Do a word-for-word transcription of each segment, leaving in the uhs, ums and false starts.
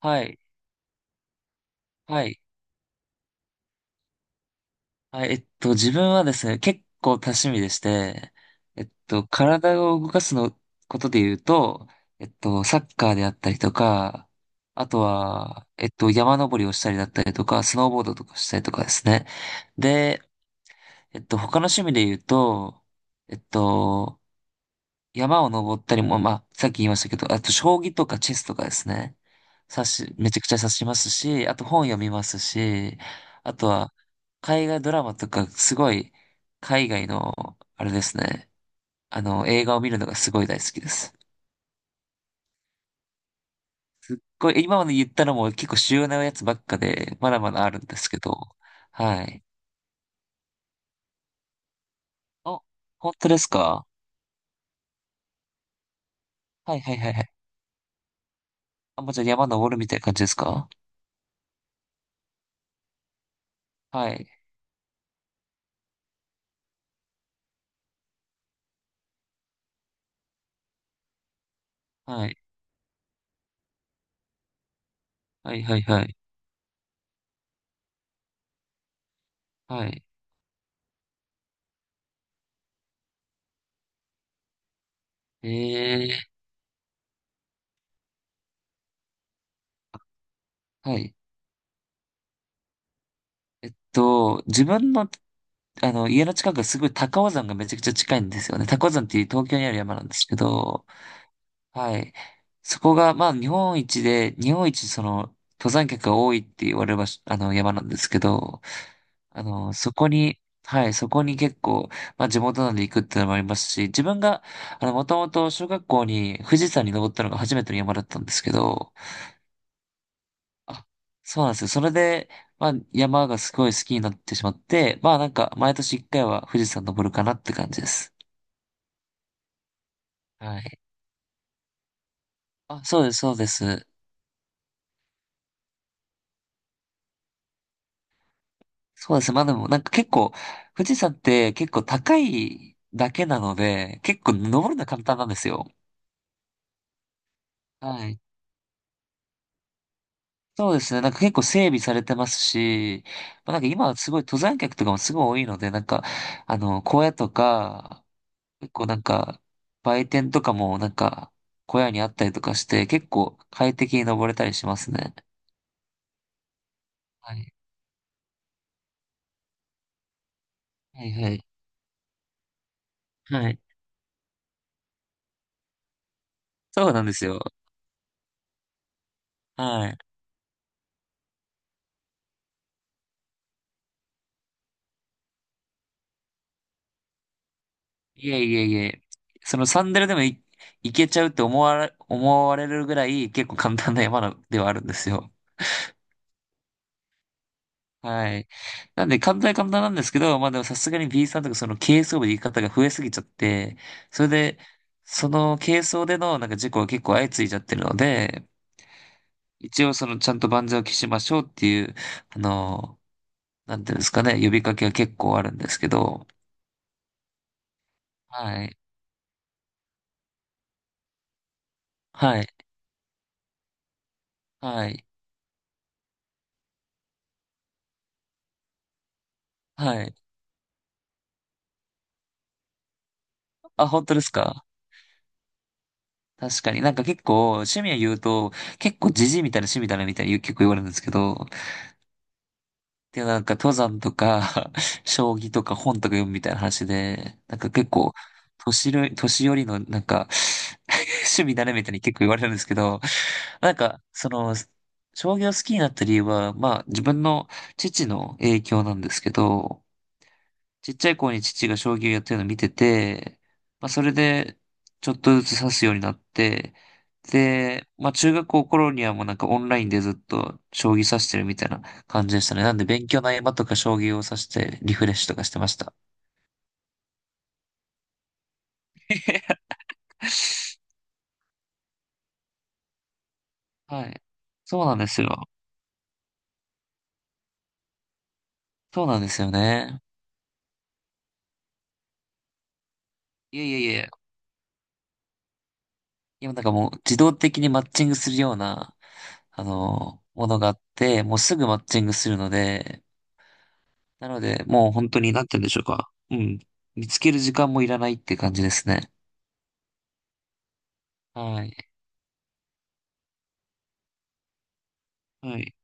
はい。はい。はい。えっと、自分はですね、結構多趣味でして、えっと、体を動かすのことで言うと、えっと、サッカーであったりとか、あとは、えっと、山登りをしたりだったりとか、スノーボードとかしたりとかですね。で、えっと、他の趣味で言うと、えっと、山を登ったりも、まあ、さっき言いましたけど、あと、将棋とかチェスとかですね。指し、めちゃくちゃ指しますし、あと本読みますし、あとは、海外ドラマとか、すごい、海外の、あれですね。あの、映画を見るのがすごい大好きです。これ、今まで言ったのも結構主要なやつばっかで、まだまだあるんですけど、はい。あ、本当ですか？はいはいはいはい。あ、もうじゃあ山登るみたいな感じですか？はい。はい。はいはいはい。はい。ええ、はい。と、自分の、あの、家の近くがすごい高尾山がめちゃくちゃ近いんですよね。高尾山っていう東京にある山なんですけど、はい。そこが、まあ、日本一で、日本一、その、登山客が多いって言われる場所、あの、山なんですけど、あの、そこに、はい、そこに結構、まあ、地元なんで行くっていうのもありますし、自分が、あの、もともと小学校に富士山に登ったのが初めての山だったんですけど、あ、そうなんですよ。それで、まあ、山がすごい好きになってしまって、まあなんか、毎年一回は富士山登るかなって感じです。はい。あ、そうです、そうです。そうです。まあでも、なんか結構、富士山って結構高いだけなので、結構登るのは簡単なんですよ。はい。そうですね。なんか結構整備されてますし、まあ、なんか今はすごい登山客とかもすごい多いので、なんか、あの、荒野とか、結構なんか、売店とかもなんか、小屋にあったりとかして、結構快適に登れたりしますね。はい。はいはい。はい。そうなんですよ。はい。いえいえいえ。そのサンダルでもい、いけちゃうって思われ、思われるぐらい結構簡単な山のではあるんですよ。はい。なんで簡単は簡単なんですけど、まあでもさすがに B さんとかその軽装部で行き方が増えすぎちゃって、それで、その軽装でのなんか事故が結構相次いじゃってるので、一応そのちゃんと万全を期しましょうっていう、あの、なんていうんですかね、呼びかけは結構あるんですけど、はい、はい、はい、はい。あ、本当ですか？確かになんか結構趣味を言うと、結構ジジイみたいな趣味だなみたいに結構言われるんですけど、で、なんか登山とか、将棋とか本とか読むみたいな話で、なんか結構、年寄り、年寄りのなんか 趣味だねみたいに結構言われるんですけど、なんか、その、将棋を好きになった理由は、まあ自分の父の影響なんですけど、ちっちゃい頃に父が将棋をやってるのを見てて、まあそれでちょっとずつ指すようになって、で、まあ中学校頃にはもうなんかオンラインでずっと将棋指してるみたいな感じでしたね。なんで勉強の合間とか将棋を指してリフレッシュとかしてました。はい。そうなんですよ。そうなんですよね。いやいやいや。今なんかもう自動的にマッチングするような、あの、ものがあって、もうすぐマッチングするので、なので、もう本当になって言うんでしょうか。うん。見つける時間もいらないって感じですね。はい。はい。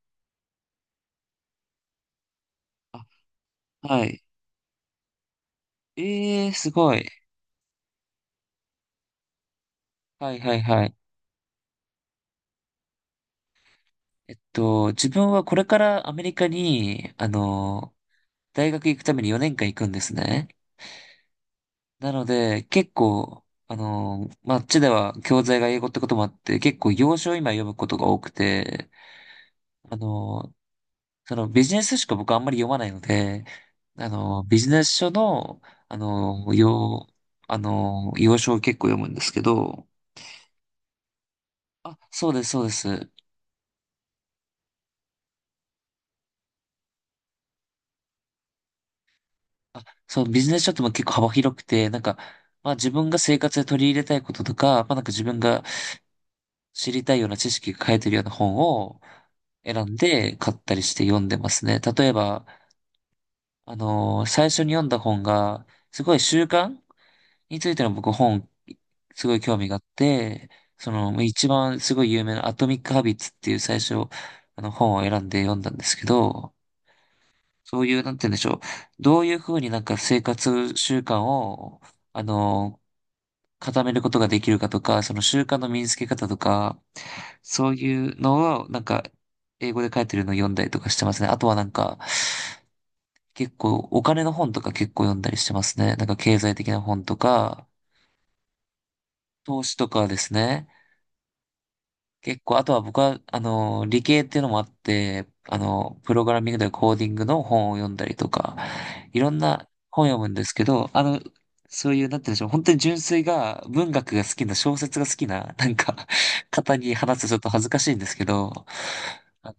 あ、はい。ええー、すごい。はいはいはい。えっと、自分はこれからアメリカに、あの、大学行くためによねんかん行くんですね。なので、結構、あの、まあ、あっちでは教材が英語ってこともあって、結構洋書を今読むことが多くて、あの、そのビジネス書しか僕あんまり読まないので、あの、ビジネス書の、あの、要、あの、要所を結構読むんですけど、あ、そうです、そうです。あ、そう、ビジネス書っても結構幅広くて、なんか、まあ自分が生活で取り入れたいこととか、まあなんか自分が知りたいような知識が書いてるような本を選んで買ったりして読んでますね。例えば、あの、最初に読んだ本が、すごい習慣についての僕本、すごい興味があって、その、一番すごい有名なアトミック・ハビッツっていう最初、あの本を選んで読んだんですけど、そういう、なんて言うんでしょう。どういうふうになんか生活習慣を、あの、固めることができるかとか、その習慣の身につけ方とか、そういうのを、なんか、英語で書いてるのを読んだりとかしてますね。あとはなんか、結構、お金の本とか結構読んだりしてますね。なんか経済的な本とか、投資とかですね。結構、あとは僕は、あの、理系っていうのもあって、あの、プログラミングでコーディングの本を読んだりとか、いろんな本読むんですけど、あの、そういう、なんて言うんでしょう、本当に純粋が、文学が好きな、小説が好きな、なんか、方に話すとちょっと恥ずかしいんですけど、あ、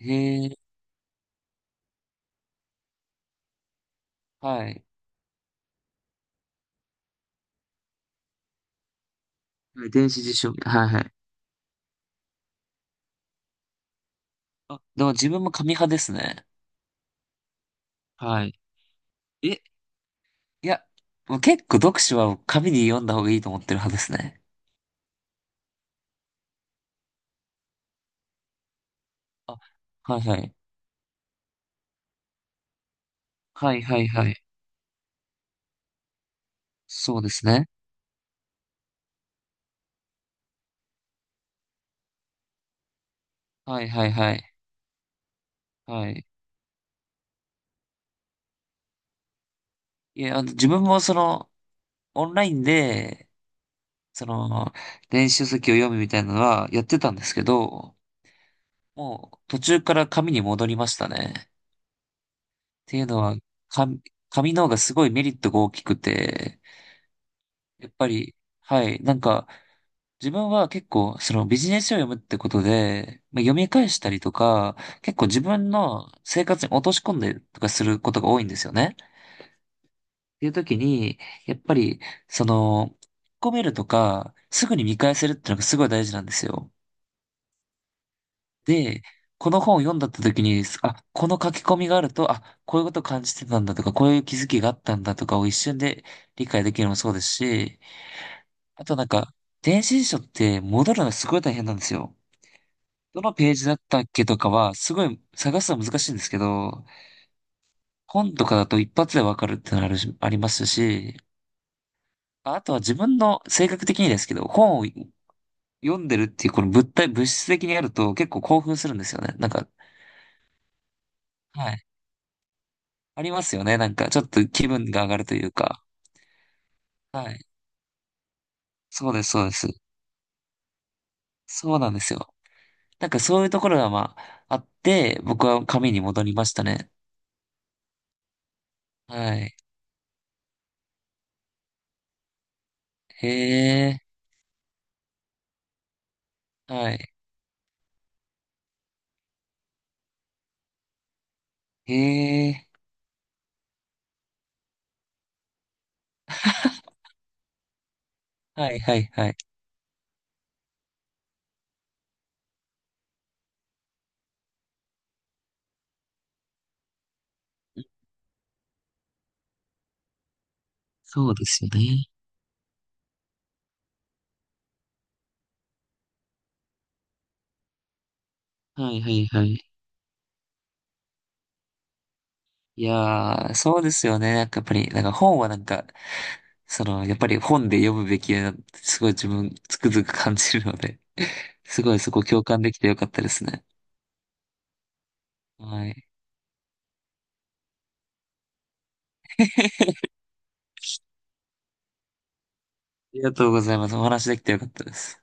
へえ、はい。はい、電子辞書、はいはい。あ、でも自分も紙派ですね。はい。え、いや、もう結構読書は紙に読んだ方がいいと思ってる派ですね。あ、はいはい。はいはいはい。そうですね。はいはいはい。はい。いや、あの、自分もその、オンラインで、その、電子書籍を読むみたいなのはやってたんですけど、もう途中から紙に戻りましたね。っていうのは、紙、紙の方がすごいメリットが大きくて、やっぱり、はい、なんか、自分は結構、そのビジネス書を読むってことで、まあ、読み返したりとか、結構自分の生活に落とし込んでとかすることが多いんですよね。ていう時に、やっぱり、その、引き込めるとか、すぐに見返せるってのがすごい大事なんですよ。で、この本を読んだった時に、あ、この書き込みがあると、あ、こういうこと感じてたんだとか、こういう気づきがあったんだとかを一瞬で理解できるのもそうですし、あとなんか、電子辞書って戻るのがすごい大変なんですよ。どのページだったっけとかは、すごい探すの難しいんですけど、本とかだと一発でわかるってのあるしありますし、ああとは自分の性格的にですけど、本を読んでるっていうこの物体、物質的にやると結構興奮するんですよね。なんか、はい。ありますよね。なんか、ちょっと気分が上がるというか。はい。そうです、そうです。そうなんですよ。なんかそういうところがまあ、あって、僕は紙に戻りましたね。はい。へえ、はい。へえ、はい、はい、はい。そうですよね。はい、はい、はい。いやー、そうですよね。なんかやっぱり、なんか本はなんか、その、やっぱり本で読むべきだなってすごい自分つくづく感じるので。すごいそこ共感できてよかったですね。はい。ありがとうございます。お話できてよかったです。